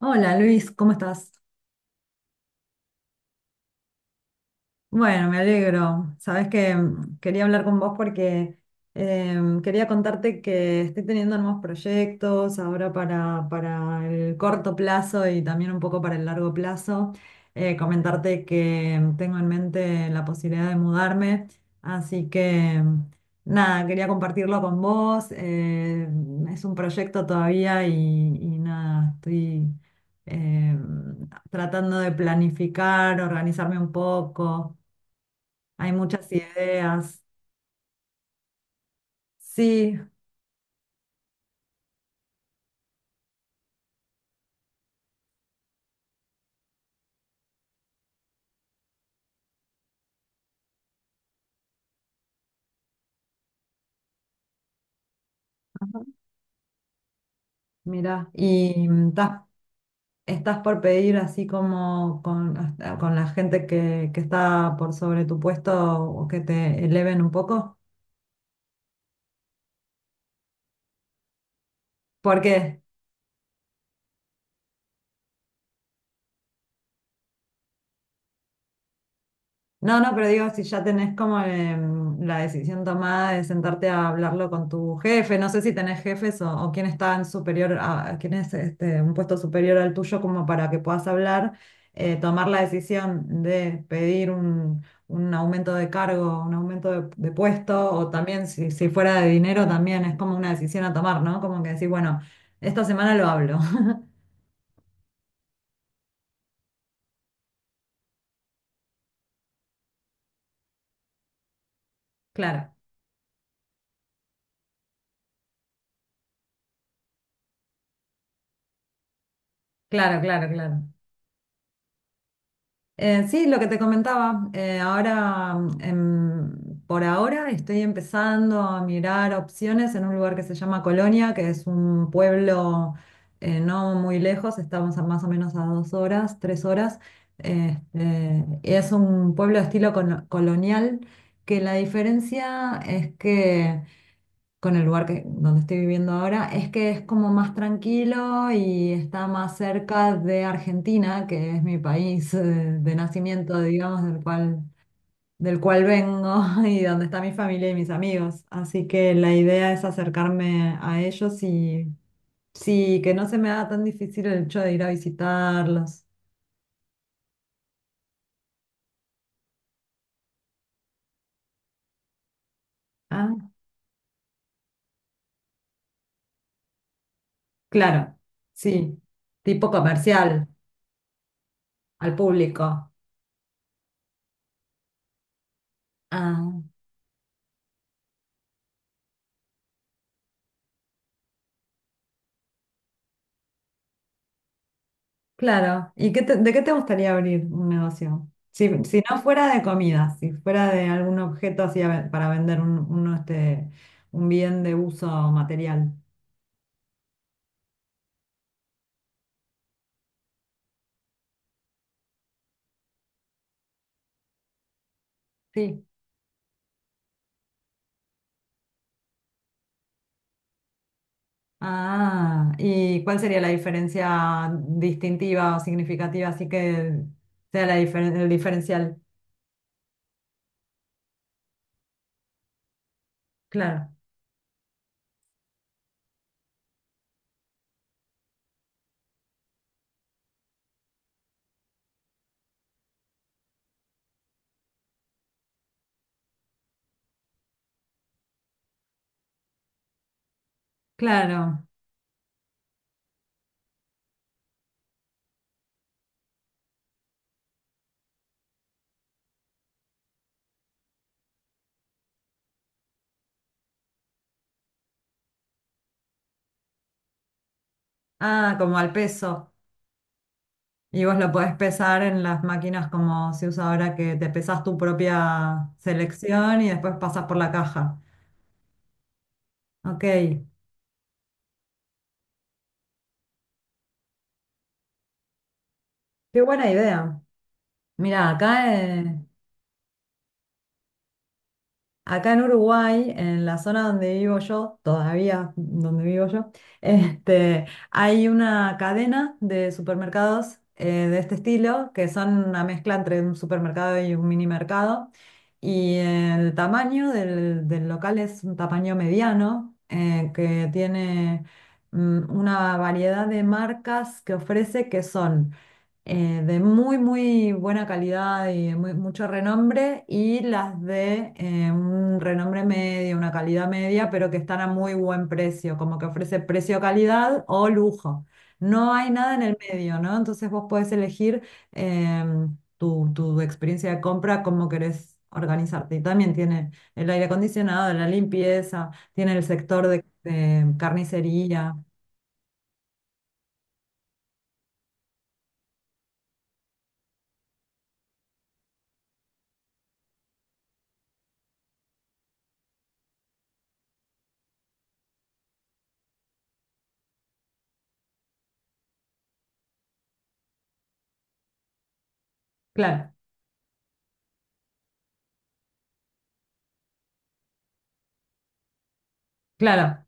Hola Luis, ¿cómo estás? Bueno, me alegro. Sabes que quería hablar con vos porque quería contarte que estoy teniendo nuevos proyectos ahora para el corto plazo y también un poco para el largo plazo. Comentarte que tengo en mente la posibilidad de mudarme, así que nada, quería compartirlo con vos. Es un proyecto todavía y nada, estoy tratando de planificar, organizarme un poco. Hay muchas ideas. Sí, ajá, mira, y estás por pedir así como con, hasta- con la gente que está por sobre tu puesto o que te eleven un poco. ¿Por qué? No, no, pero digo, si ya tenés como la decisión tomada de sentarte a hablarlo con tu jefe, no sé si tenés jefes o quién está en superior, a, quién es este, un puesto superior al tuyo como para que puedas hablar, tomar la decisión de pedir un aumento de cargo, un aumento de puesto, o también si fuera de dinero, también es como una decisión a tomar, ¿no? Como que decir, bueno, esta semana lo hablo. Claro, claro, claro, claro. Sí, lo que te comentaba, por ahora estoy empezando a mirar opciones en un lugar que se llama Colonia, que es un pueblo no muy lejos, estamos a más o menos a dos horas, tres horas. Es un pueblo de estilo cono- colonial, que la diferencia es que con el lugar donde estoy viviendo ahora, es que es como más tranquilo y está más cerca de Argentina, que es mi país de nacimiento, digamos, del cual vengo y donde está mi familia y mis amigos. Así que la idea es acercarme a ellos y sí, que no se me haga tan difícil el hecho de ir a visitarlos. Ah, claro, sí, tipo comercial, al público. Ah. Claro. ¿Y qué te- de qué te gustaría abrir un negocio? Si no fuera de comida, si fuera de algún objeto así a ve- para vender uno, este, un bien de uso material. Sí. Ah, ¿y cuál sería la diferencia distintiva o significativa? Así que sea la diferen- el diferencial. Claro, claro. Ah, como al peso. Y vos lo podés pesar en las máquinas como se usa ahora que te pesas tu propia selección y después pasas por la caja. Ok, qué buena idea. Mira, acá, acá en Uruguay, en la zona donde vivo yo, todavía donde vivo yo, este, hay una cadena de supermercados de este estilo, que son una mezcla entre un supermercado y un mini mercado. Y el tamaño del local es un tamaño mediano, que tiene una variedad de marcas que ofrece que son... de muy buena calidad y de muy- mucho renombre, y las de un renombre medio, una calidad media, pero que están a muy buen precio, como que ofrece precio-calidad o lujo. No hay nada en el medio, ¿no? Entonces vos podés elegir tu experiencia de compra, cómo querés organizarte. Y también tiene el aire acondicionado, la limpieza, tiene el sector de carnicería. Claro, claro.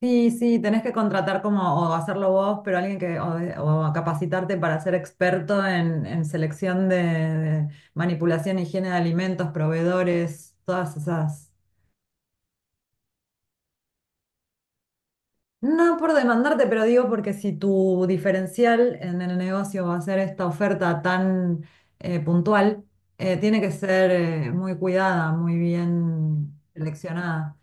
Sí, sí, tenés que contratar como o hacerlo vos, pero alguien que o, de- o capacitarte para ser experto en selección de manipulación, higiene de alimentos, proveedores, todas esas. No por demandarte, pero digo porque si tu diferencial en el negocio va a ser esta oferta tan puntual, tiene que ser muy cuidada, muy bien seleccionada.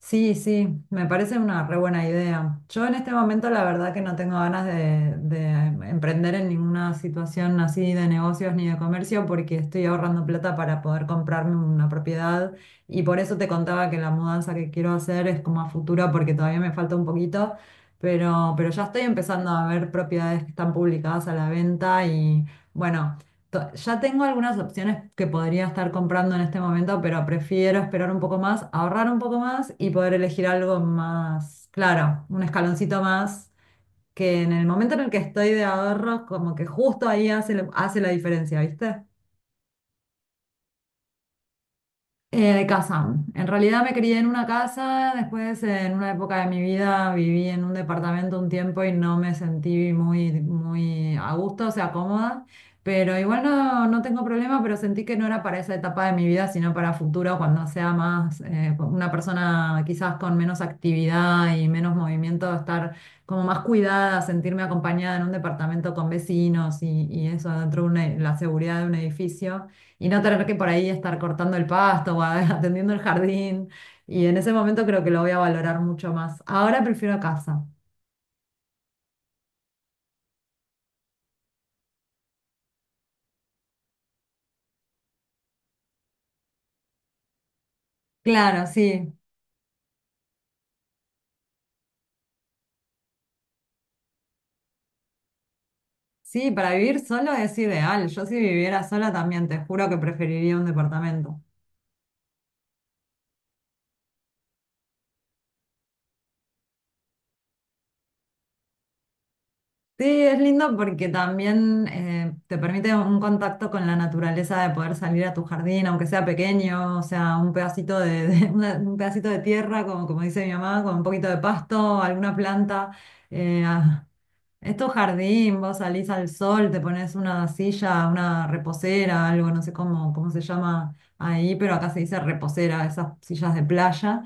Sí, sí, me parece una re buena idea. Yo en este momento la verdad que no tengo ganas de emprender en ninguna situación así de negocios ni de comercio porque estoy ahorrando plata para poder comprarme una propiedad y por eso te contaba que la mudanza que quiero hacer es como a futuro porque todavía me falta un poquito, pero ya estoy empezando a ver propiedades que están publicadas a la venta y bueno, to- ya tengo algunas opciones que podría estar comprando en este momento, pero prefiero esperar un poco más, ahorrar un poco más y poder elegir algo más, claro, un escaloncito más, que en el momento en el que estoy de ahorros, como que justo ahí hace, hace la diferencia, ¿viste? De casa. En realidad me crié en una casa, después en una época de mi vida viví en un departamento un tiempo y no me sentí muy a gusto, o sea, cómoda, pero igual no, no tengo problema, pero sentí que no era para esa etapa de mi vida, sino para futuro, cuando sea más una persona quizás con menos actividad y menos movimiento, estar como más cuidada, sentirme acompañada en un departamento con vecinos y eso dentro de una- la seguridad de un edificio y no tener que por ahí estar cortando el pasto o a- atendiendo el jardín. Y en ese momento creo que lo voy a valorar mucho más. Ahora prefiero casa. Claro, sí. Sí, para vivir solo es ideal. Yo si viviera sola también, te juro que preferiría un departamento. Sí, es lindo porque también te permite un contacto con la naturaleza de poder salir a tu jardín, aunque sea pequeño, o sea, un pedacito de una- un pedacito de tierra, como, como dice mi mamá, con un poquito de pasto, alguna planta. eh, Esto jardín, vos salís al sol, te pones una silla, una reposera, algo, no sé cómo, cómo se llama ahí, pero acá se dice reposera, esas sillas de playa,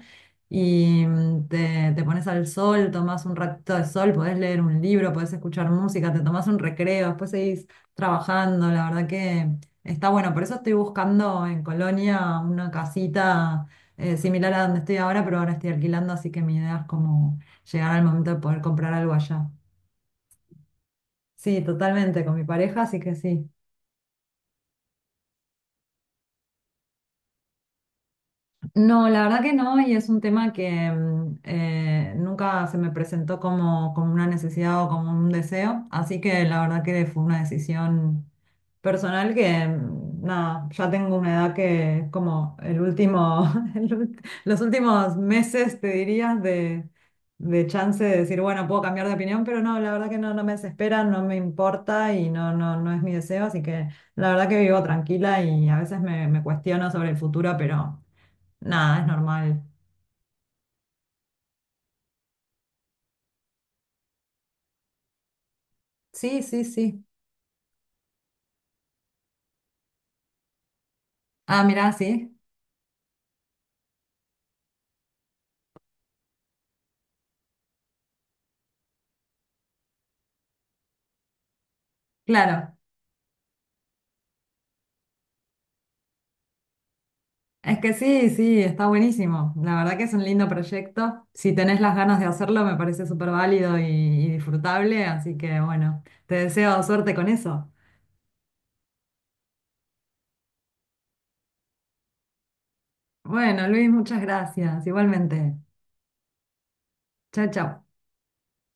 y te pones al sol, tomás un ratito de sol, podés leer un libro, podés escuchar música, te tomás un recreo, después seguís trabajando, la verdad que está bueno. Por eso estoy buscando en Colonia una casita similar a donde estoy ahora, pero ahora estoy alquilando, así que mi idea es como llegar al momento de poder comprar algo allá. Sí, totalmente, con mi pareja, así que sí. No, la verdad que no, y es un tema que nunca se me presentó como, como una necesidad o como un deseo, así que la verdad que fue una decisión personal que, nada, ya tengo una edad que es como el último, el ult- los últimos meses, te dirías, de chance de decir, bueno, puedo cambiar de opinión, pero no, la verdad que no, no me desespera, no me importa y no, no, no es mi deseo, así que la verdad que vivo tranquila y a veces me, me cuestiono sobre el futuro, pero... Nada, es normal. Sí, sí, sí. Ah, mirá, sí. Claro. Es que sí, sí, está buenísimo. La verdad que es un lindo proyecto. Si tenés las ganas de hacerlo, me parece súper válido y disfrutable. Así que bueno, te deseo suerte con eso. Bueno, Luis, muchas gracias. Igualmente. Chao, chao.